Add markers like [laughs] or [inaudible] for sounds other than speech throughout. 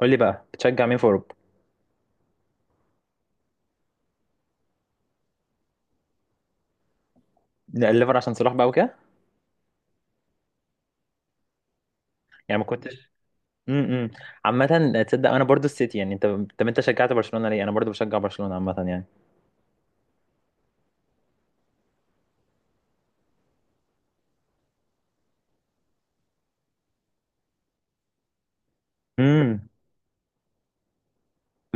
قول لي بقى بتشجع مين في اوروبا. الليفر عشان صلاح بقى وكده. يعني ما كنتش. امم عامه تصدق انا برضو السيتي يعني انت؟ طب انت شجعت برشلونه ليه؟ انا برضو بشجع برشلونه عامه يعني. امم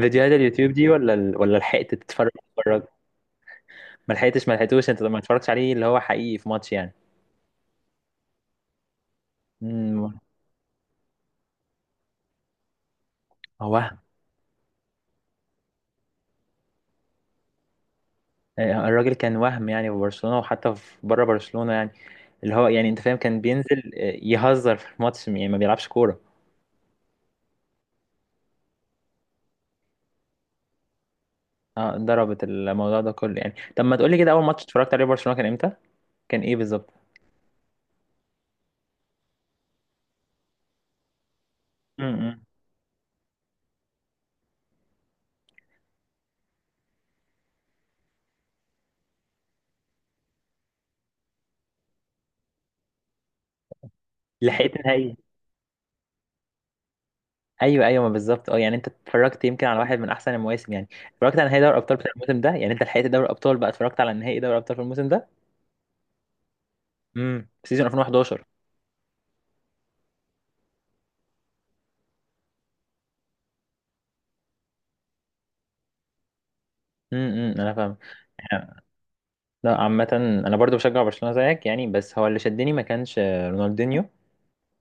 فيديوهات اليوتيوب دي ولا ال... ولا لحقت تتفرج؟ تتفرج. ما لحقتش، ما لحقتوش، انت ما اتفرجتش عليه اللي هو حقيقي في ماتش يعني. امم هو وهم. الراجل كان وهم يعني في برشلونه وحتى في بره برشلونه يعني. اللي هو يعني انت فاهم كان بينزل، يهزر في الماتش يعني ما بيلعبش كوره. اه، ضربت الموضوع ده كله يعني. طب ما تقول لي كده، اول ماتش اتفرجت عليه برشلونه كان امتى؟ كان ايه بالظبط؟ امم لحقت نهائي؟ ايوه ايوه، ما بالظبط اه، يعني انت اتفرجت يمكن على واحد من احسن المواسم يعني. اتفرجت على نهائي دوري الابطال بتاع الموسم ده، يعني انت لحقت دوري الابطال بقى، اتفرجت على نهائي دوري الابطال في الموسم ده. سيزون 2011. أمم، انا فاهم. إحنا- لا عامه، انا برضو بشجع برشلونه زيك يعني، بس هو اللي شدني ما كانش، رونالدينيو،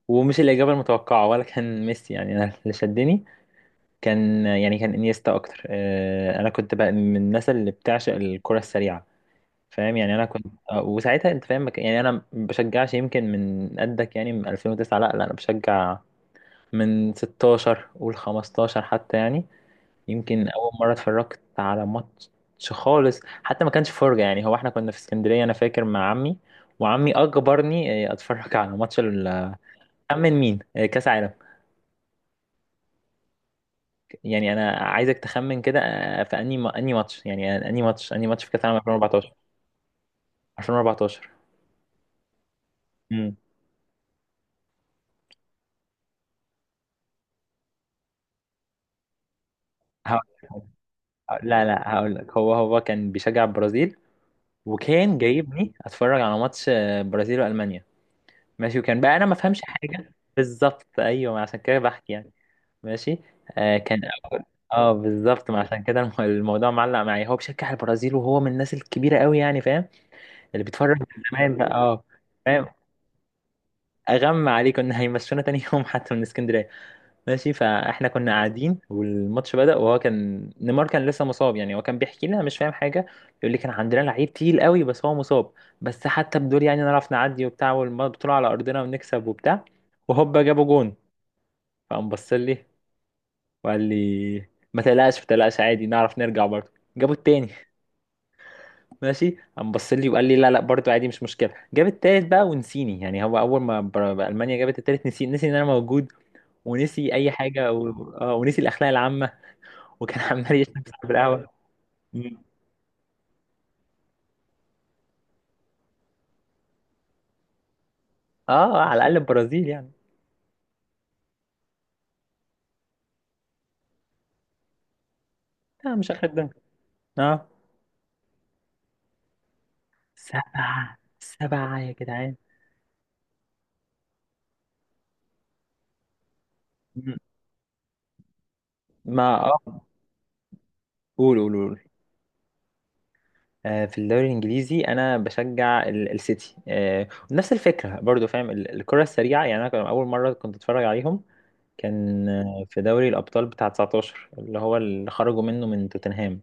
ومش الاجابه المتوقعه ولا كان ميسي يعني. انا اللي شدني كان يعني كان انيستا اكتر، انا كنت بقى من الناس اللي بتعشق الكره السريعه. فاهم يعني، انا كنت، وساعتها انت فاهم يعني انا ما بشجعش يمكن من قدك يعني من 2009. لا لا، انا بشجع من 16، قول 15 حتى يعني. يمكن اول مره اتفرجت على ماتش خالص حتى ما كانش فرجه يعني. هو احنا كنا في اسكندريه انا فاكر مع عمي، وعمي اجبرني، اتفرج على ماتش خمن مين، كاس عالم. يعني انا عايزك تخمن كده، في انهي ماتش يعني، انهي ماتش في كاس عالم 2014؟ 2014. امم لا لا، هقول لك، هو كان بيشجع البرازيل، وكان جايبني اتفرج على ماتش، برازيل والمانيا. ماشي، وكان بقى انا ما فهمش حاجه بالظبط، ايوه، عشان كده بحكي يعني. ماشي. آه كان أول- اه بالظبط، ما عشان كده الموضوع معلق معايا. هو بيشجع البرازيل، وهو من الناس الكبيره قوي يعني، فاهم، اللي بيتفرج من زمان بقى. اه فاهم. اغمى عليه، كنا هيمشونا تاني يوم حتى من اسكندريه. ماشي، فاحنا كنا قاعدين والماتش بدأ، وهو كان نيمار كان لسه مصاب يعني. هو كان بيحكي لنا، مش فاهم حاجة. يقول لي كان عندنا لعيب تقيل قوي بس هو مصاب، بس حتى بدول يعني نعرف نعدي وبتاع، والبطولة على أرضنا ونكسب وبتاع. وهوبا جابوا جون، فقام بص لي وقال لي، ما تقلقش ما تقلقش، عادي نعرف نرجع. برضه جابوا التاني، ماشي. قام بص لي وقال لي، لا لا، برضه عادي، مش مشكلة. جاب التالت بقى ونسيني يعني. هو أول ما ألمانيا جابت التالت، نسي، نسي إن أنا موجود، ونسي أي حاجة و... ونسي الأخلاق العامة، وكان [laughs] عمال يشمس في القهوه. مم. اه، على الاقل البرازيل يعني. لا مش اخر الدنيا. اه، سبعه سبعه يا جدعان. م- ما اه قول قول قول. في الدوري الانجليزي انا بشجع السيتي، نفس الفكره برضو، فاهم الكره السريعه يعني. انا كان اول مره كنت اتفرج عليهم كان، في دوري الابطال بتاع 19، اللي هو اللي خرجوا منه من توتنهام،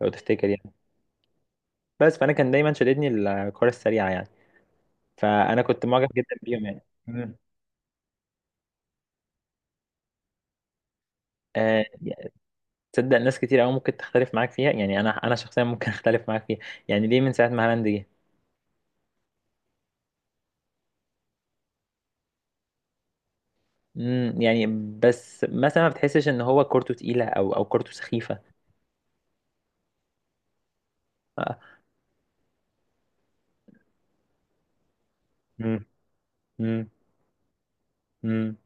لو تفتكر يعني. بس فانا كان دايما شددني الكره السريعه يعني، فانا كنت معجب جدا بيهم يعني. مم. آه، تصدق ناس كتير قوي ممكن تختلف معاك فيها يعني. انا شخصيا ممكن [laughs] اختلف معاك فيها. يعني ليه من ساعه ما هالاند جه؟ يعني بس مثلا، ما بتحسش ان هو كورته تقيله، او كورته سخيفه؟ اه. مم. مم. مم.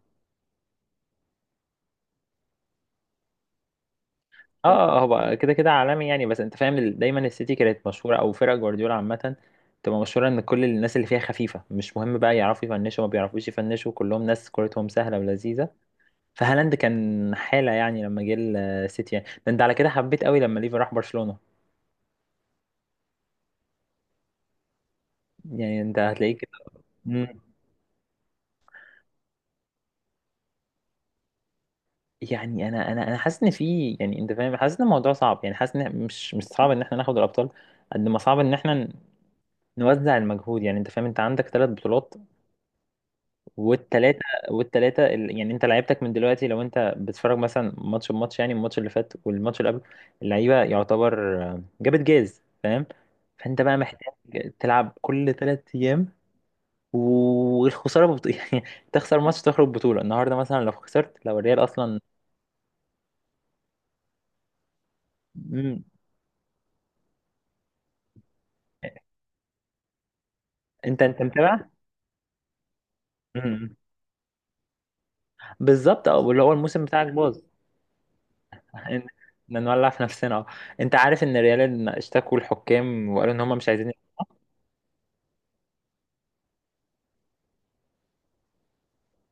اه، هو كده كده عالمي يعني، بس انت فاهم دايما السيتي كانت مشهوره، او فرق جوارديولا عامه تبقى مشهوره، ان كل الناس اللي فيها خفيفه. مش مهم بقى يعرفوا يفنشوا ما بيعرفوش يفنشوا، كلهم ناس كورتهم سهله ولذيذه. فهالاند كان حاله يعني لما جه السيتي يعني. ده انت على كده حبيت قوي لما ليفا راح برشلونه يعني؟ انت هتلاقيك. مم. يعني انا حاسس ان في، يعني انت فاهم، حاسس ان الموضوع صعب يعني. حاسس ان مش صعب ان احنا ناخد الابطال قد ما صعب ان احنا نوزع المجهود. يعني انت فاهم، انت عندك ثلاث بطولات، والثلاثه، والثلاثه يعني انت لعيبتك من دلوقتي، لو انت بتتفرج مثلا ماتش بماتش يعني، الماتش اللي فات والماتش اللي قبله، اللعيبه يعتبر، جابت جاز. فانت بقى محتاج تلعب كل ثلاث ايام، والخساره [laughs] يعني تخسر ماتش، تخرج بطوله. النهارده مثلا لو خسرت، لو الريال اصلا. مم. انت انت متابع. مم. بالظبط اه، واللي هو الموسم بتاعك باظ [laughs] ان إن نولع في نفسنا اه. انت عارف ان ريال اشتكوا الحكام وقالوا ان هم مش عايزين.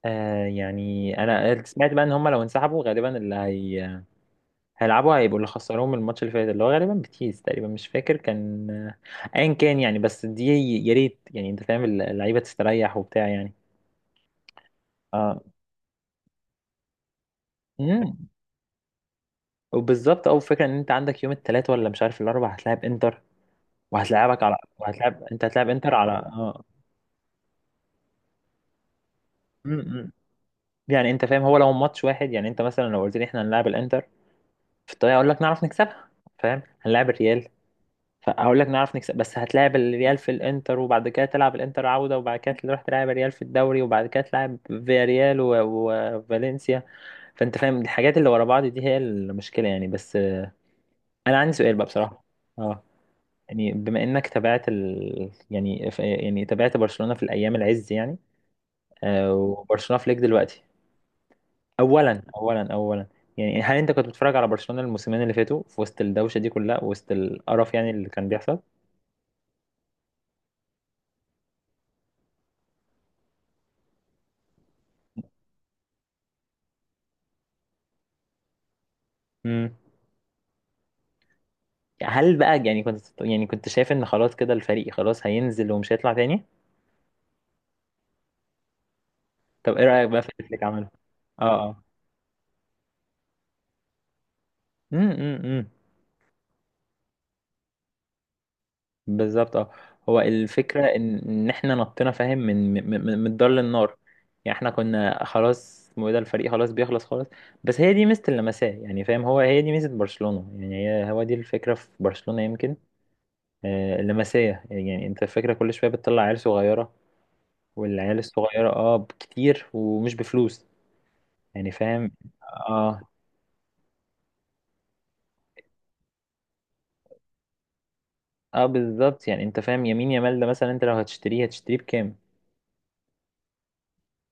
آه يعني انا سمعت بقى ان هم لو انسحبوا غالبا اللي هي... هيلعبوا، هيبقوا اللي خسروهم الماتش اللي فات، اللي هو غالبا بيتيس تقريبا، مش فاكر كان، ايا كان يعني، بس دي يا ريت يعني، انت فاهم، اللعيبه تستريح وبتاع يعني. اه. امم وبالظبط، او فكره ان انت عندك يوم الثلاث ولا مش عارف الاربع هتلاعب انتر، وهتلاعبك على وهتلاعب انت هتلاعب انتر على اه. مم. يعني انت فاهم، هو لو ماتش واحد يعني، انت مثلا لو قلت لي احنا هنلاعب الانتر، في الطريق اقول لك نعرف نكسبها، فاهم. هنلاعب الريال، فاقول لك نعرف نكسب. بس هتلاعب الريال في الانتر، وبعد كده تلعب الانتر عودة، وبعد كده تروح تلعب الريال في الدوري، وبعد كده تلعب فياريال وفالنسيا. فانت فاهم الحاجات اللي ورا بعض دي هي المشكلة يعني. بس، انا عندي سؤال بقى بصراحة. اه. يعني بما انك تابعت ال... يعني يعني تابعت برشلونة في الايام العز يعني، وبرشلونة في ليج دلوقتي. اولا يعني هل انت كنت بتتفرج على برشلونة الموسمين اللي فاتوا في وسط الدوشه دي كلها، وسط القرف يعني اللي كان بيحصل؟ امم هل بقى، يعني كنت، يعني كنت شايف ان خلاص كده الفريق خلاص هينزل ومش هيطلع تاني؟ طب ايه رايك بقى في اللي فليك عمله؟ اه. اه. أمم. بالظبط اه. هو الفكره ان ان احنا نطينا، فاهم، من الدار للنار. يعني احنا كنا خلاص، اسمه ايه ده، الفريق خلاص بيخلص خالص. بس هي دي ميزه اللمسيه يعني، فاهم، هي دي ميزه برشلونه يعني، هي دي الفكره في برشلونه يمكن، اللمسية يعني انت فاكرة كل شوية بتطلع عيال صغيرة، والعيال الصغيرة اه كتير ومش بفلوس يعني، فاهم. اه. اه بالظبط، يعني انت فاهم يمين يمال ده مثلا، انت لو هتشتريه هتشتريه بكام؟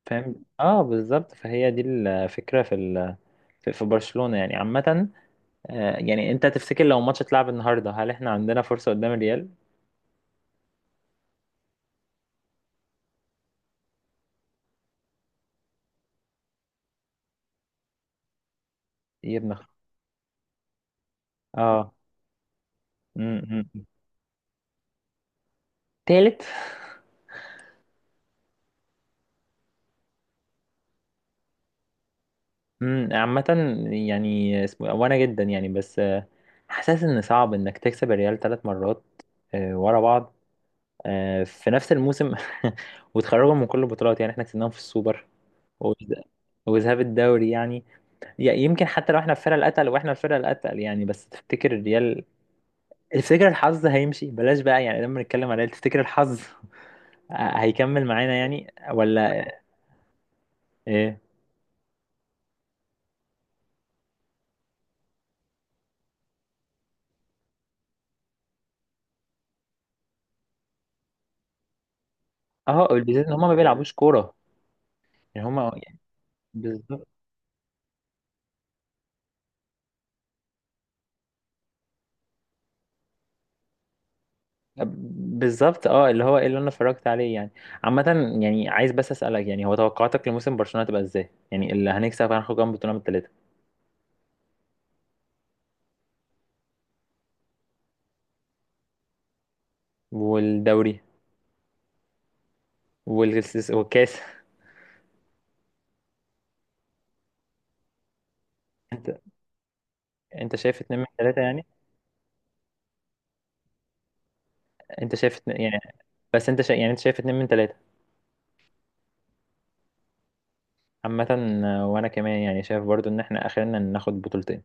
فاهم، اه بالظبط. فهي دي الفكرة في ال... في برشلونة يعني عامة. آه يعني انت تفتكر لو ماتش اتلعب النهاردة هل احنا عندنا فرصة قدام الريال؟ يا ابن اخ- اه. م- م- م. تالت. عامة يعني، اسمه إيه، وانا جدا يعني، بس، حاسس ان صعب انك تكسب الريال ثلاث مرات، ورا بعض، في نفس الموسم [laughs] وتخرجهم من كل البطولات. يعني احنا كسبناهم في السوبر، وذ- وذهاب الدوري يعني. يمكن حتى لو احنا الفرقة الاتقل، واحنا الفرقة الاتقل يعني. بس تفتكر الريال [laughs] تفتكر الحظ هيمشي بلاش بقى يعني، لما نتكلم على الريال تفتكر الحظ [laughs] هيكمل معانا يعني ولا ايه؟ اه البيزيز ان هما ما بيلعبوش كورة يعني. هما بالظبط اه، اللي هو ايه اللي انا اتفرجت عليه يعني. عامة، يعني عايز بس اسألك يعني، هو توقعاتك لموسم برشلونة تبقى ازاي؟ يعني اللي هنكسب، هناخد كام بطولة من التلاتة؟ والدوري؟ والكاس، والكاس. [laughs] انت انت شايف اتنين من تلاتة يعني؟ انت شايف اتنين يعني؟ بس انت شا... يعني انت شايف اتنين من تلاتة؟ عامة، وانا كمان يعني شايف برضو ان احنا اخرنا ناخد بطولتين.